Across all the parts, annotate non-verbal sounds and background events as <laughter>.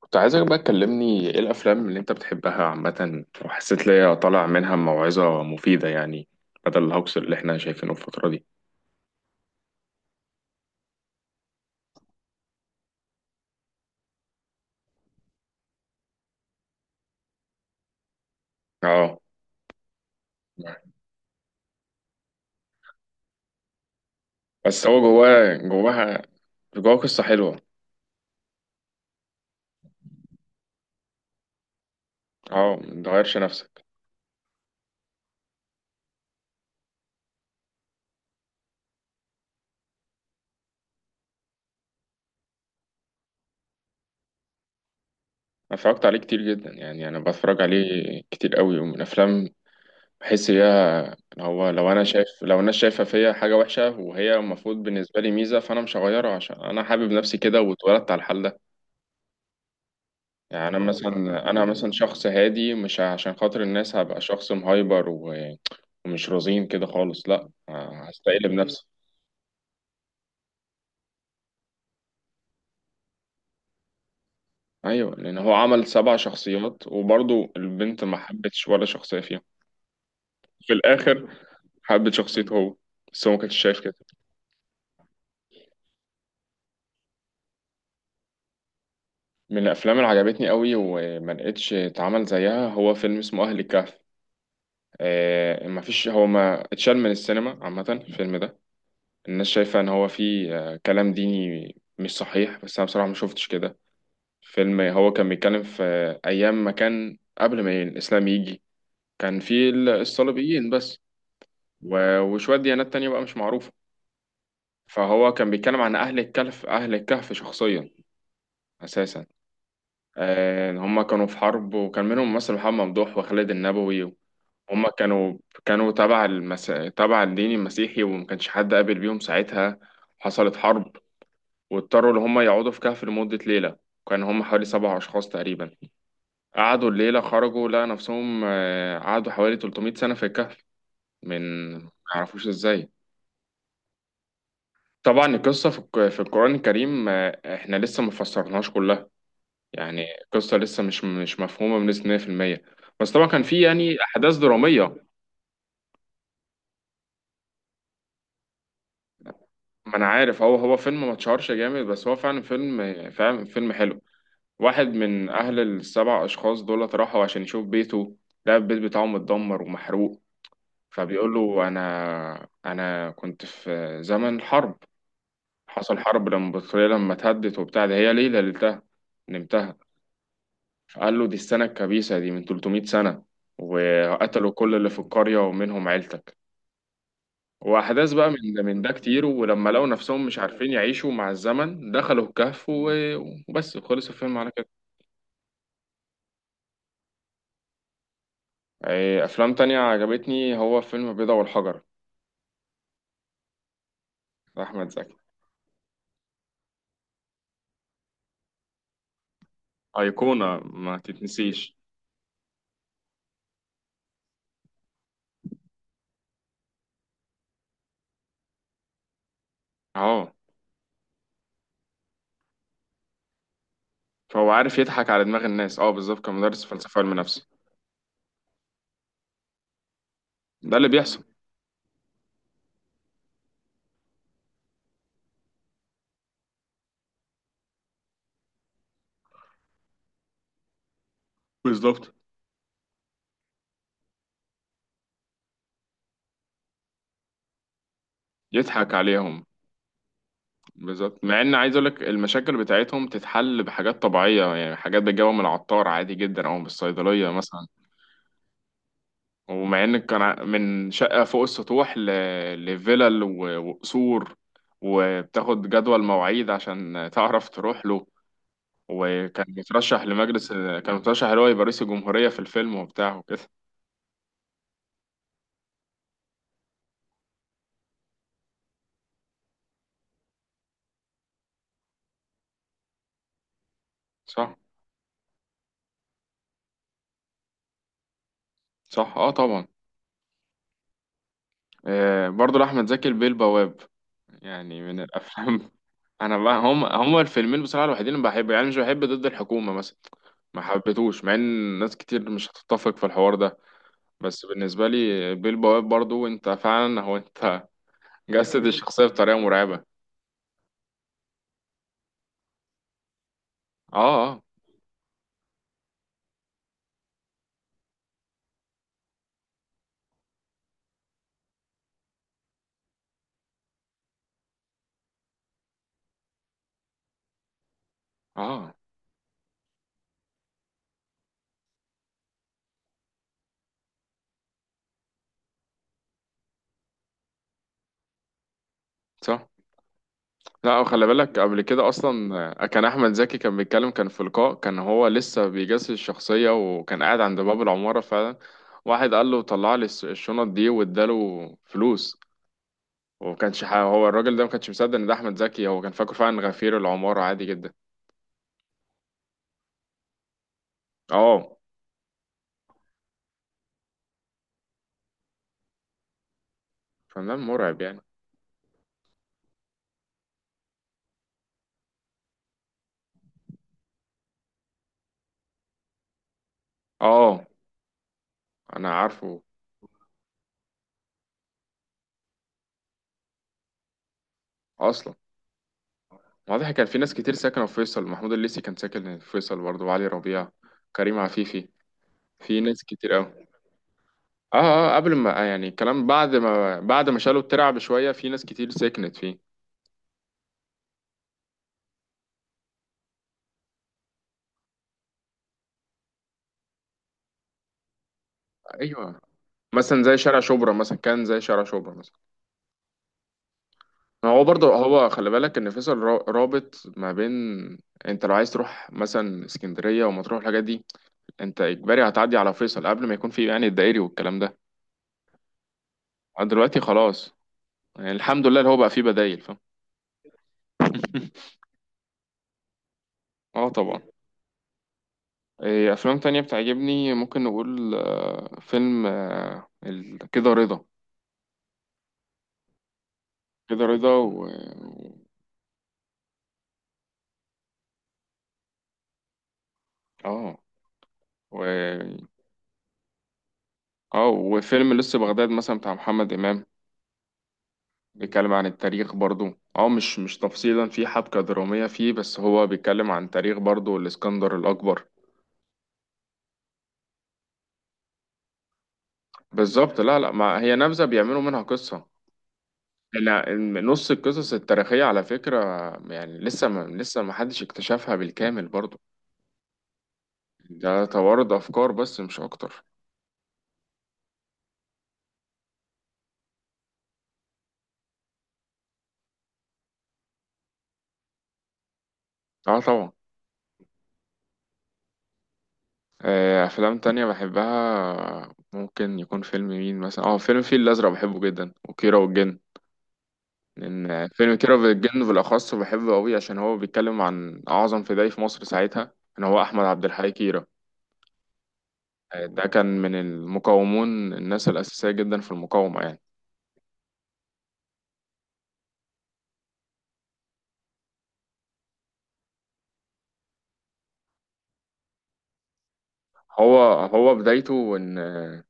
كنت عايزك بقى تكلمني، ايه الافلام اللي انت بتحبها عامه وحسيت ليا طالع منها موعظه مفيده يعني، بدل الهوكس اللي احنا شايفينه الفتره دي. اه، بس هو جواه جواها، جواه قصه حلوه. اه، متغيرش نفسك. أنا اتفرجت عليه كتير جدا، يعني انا بتفرج عليه كتير قوي، ومن افلام بحس بيها إن هو، لو انا شايف لو الناس شايفه فيا حاجه وحشه وهي المفروض بالنسبه لي ميزه، فانا مش هغيرها عشان انا حابب نفسي كده واتولدت على الحال ده. يعني انا مثلا شخص هادي، مش عشان خاطر الناس هبقى شخص مهايبر ومش رزين كده خالص، لا، هستقل بنفسي. ايوه، لان هو عمل 7 شخصيات وبرضه البنت ما حبتش ولا شخصيه فيهم، في الاخر حبت شخصيته هو، بس هو ما كانش شايف كده. من الافلام اللي عجبتني قوي وما لقيتش اتعمل زيها هو فيلم اسمه اهل الكهف. آه، ما فيش، هو ما اتشال من السينما عامه الفيلم ده. الناس شايفة إن هو فيه كلام ديني مش صحيح، بس أنا بصراحة ما شفتش كده. فيلم هو كان بيتكلم في أيام ما كان قبل ما الإسلام يجي، كان فيه الصليبيين بس وشوية ديانات تانية بقى مش معروفة. فهو كان بيتكلم عن أهل الكهف، أهل الكهف شخصيا، أساسا. إن هما كانوا في حرب وكان منهم مثلا محمد ممدوح وخالد النبوي. هما كانوا، كانوا تبع تبع الدين المسيحي، وما كانش حد قابل بيهم ساعتها. حصلت حرب واضطروا إن هم يقعدوا في كهف لمدة ليلة، وكان هم حوالي 7 أشخاص تقريبا. قعدوا الليلة، خرجوا لقى نفسهم، قعدوا حوالي 300 سنة في الكهف، من ما يعرفوش إزاي. طبعا القصة في في القرآن الكريم، إحنا لسه ما فسرناهاش كلها. يعني القصة لسه مش مفهومة بنسبة 100%. بس طبعا كان في يعني أحداث درامية. ما أنا عارف، هو فيلم ما اتشهرش جامد، بس هو فعلا فيلم، فعلا فيلم حلو. واحد من أهل ال7 أشخاص دولت راحوا عشان يشوف بيته، لقى البيت بتاعه متدمر ومحروق. فبيقول له أنا كنت في زمن حرب، حصل حرب لما البطارية، لما اتهدت وبتاع ده، هي ليلة ليلتها نمتها. فقال له دي السنة الكبيسة، دي من 300 سنة، وقتلوا كل اللي في القرية ومنهم عيلتك. وأحداث بقى من ده كتير، ولما لقوا نفسهم مش عارفين يعيشوا مع الزمن دخلوا الكهف وبس، خلص الفيلم على كده. إيه، افلام تانية عجبتني، هو فيلم البيضة والحجر. احمد زكي ايقونة ما تتنسيش. اه، فهو عارف يضحك على دماغ الناس. اه، بالظبط، كان مدرس فلسفة علم نفس. ده اللي بيحصل. بالظبط، يضحك عليهم. بالظبط، مع ان عايز اقولك المشاكل بتاعتهم تتحل بحاجات طبيعية، يعني حاجات بتجيبها من العطار عادي جدا، او من الصيدلية مثلا. ومع ان كان من شقة فوق السطوح لفيلل وقصور، وبتاخد جدول مواعيد عشان تعرف تروح له. وكان مترشح لمجلس، كان مترشح اللي هو يبقى رئيس الجمهورية في الفيلم وبتاع وكده. صح. صح. اه طبعا. آه، برضه لأحمد زكي، البيه البواب، يعني من الأفلام. <laughs> أنا بقى هم الفيلمين بصراحة الوحيدين اللي بحب، يعني مش بحب ضد الحكومة مثلا، ما حبيتهوش، مع ان ناس كتير مش هتتفق في الحوار ده. بس بالنسبة لي، بيل بواب برضو، انت فعلا هو انت <laughs> جسد الشخصية بطريقة مرعبة. اه. اه. اه. صح. لا، وخلي بالك قبل كده اصلا كان احمد زكي كان بيتكلم، كان في لقاء، كان هو لسه بيجسس الشخصيه وكان قاعد عند باب العماره فعلا. واحد قال له طلع لي الشنط دي، واداله فلوس. وكانش هو الراجل ده ما كانش مصدق ان ده احمد زكي، هو كان فاكره فعلا غفير العماره عادي جدا. اه. فنان مرعب يعني. اه، انا عارفه اصلا. واضح كان في ناس كتير ساكنه في فيصل، محمود الليثي كان ساكن في فيصل برضه، وعلي ربيع، كريم عفيفي، في ناس كتير. اه اه، قبل ما يعني الكلام بعد ما، بعد ما شالوا الترعة بشوية في ناس كتير سكنت فيه. ايوه، مثلا زي شارع شبرا مثلا، كان زي شارع شبرا مثلا. هو برضه، هو خلي بالك ان فيصل رابط ما بين، انت لو عايز تروح مثلا اسكندرية ومطروح الحاجات دي، انت اجباري هتعدي على فيصل قبل ما يكون في يعني الدائري والكلام ده. دلوقتي خلاص، يعني الحمد لله اللي هو بقى فيه بدايل، فاهم. <laughs> اه طبعا. إيه افلام تانية بتعجبني، ممكن نقول فيلم، كده رضا. كده رضا و، اه، و، اه، وفيلم لسه بغداد مثلا بتاع محمد إمام، بيتكلم عن التاريخ برضو. اه، مش تفصيلا، في حبكة درامية فيه، بس هو بيتكلم عن تاريخ برضو، الإسكندر الأكبر. بالظبط، لا لا، ما هي نبذة بيعملوا منها قصة. لا، نص القصص التاريخية على فكرة، يعني لسه ما، لسه ما حدش اكتشفها بالكامل برضو. ده توارد أفكار بس مش أكتر. اه طبعا. افلام تانية بحبها، ممكن يكون فيلم مين مثلا، اه، فيلم الفيل الازرق بحبه جدا، وكيرة والجن، لان فيلم كيرة والجن بالاخص بحبه قوي عشان هو بيتكلم عن اعظم فدائي في مصر ساعتها، ان هو احمد عبد الحي كيرة. ده كان من المقاومون، الناس الاساسيه جدا في المقاومه يعني. هو هو بدايته ان،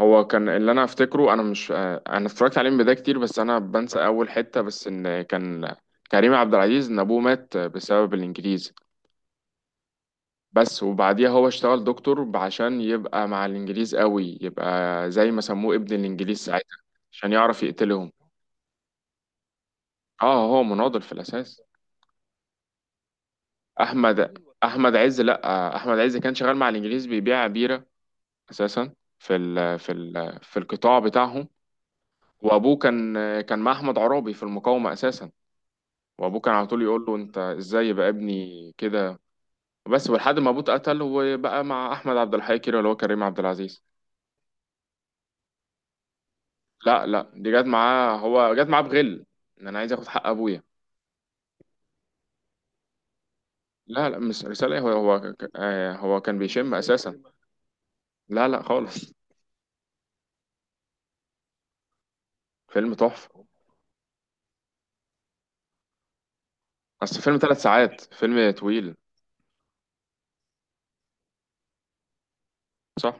هو كان اللي انا افتكره، انا مش، انا اتفرجت عليه من بدايه كتير، بس انا بنسى اول حته، بس ان كان كريم عبد العزيز، ان ابوه مات بسبب الانجليز بس، وبعديها هو اشتغل دكتور عشان يبقى مع الانجليز قوي، يبقى زي ما سموه ابن الانجليز ساعتها، عشان يعرف يقتلهم. اه، هو مناضل في الاساس. احمد، احمد عز لا احمد عز كان شغال مع الانجليز بيبيع بيرة اساسا، في ال، في ال، في القطاع بتاعهم. وابوه كان، كان مع احمد عرابي في المقاومة اساسا. وابوه كان على طول يقول له انت ازاي يبقى ابني كده. بس ولحد ما ابوه اتقتل، وبقى مع احمد عبد الحي كده، اللي هو كريم عبد العزيز. لا لا، دي جت معاه، هو جت معاه بغل، ان انا عايز اخد حق ابويا. لا لا، مش رسالة ايه، هو هو ك- آه، هو كان بيشم اساسا. لا لا خالص، فيلم تحفة. اصل فيلم 3 ساعات، فيلم طويل. صح.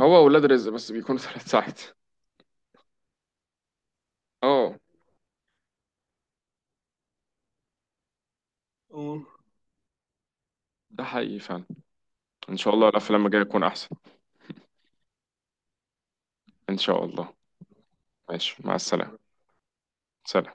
هو ولاد رزق بس بيكونوا 3 <laughs> ساعات. اه. اه. ده حقيقي فعلا. ان شاء الله الافلام الجاية تكون احسن. ان شاء الله. ماشي، مع السلامة. سلام.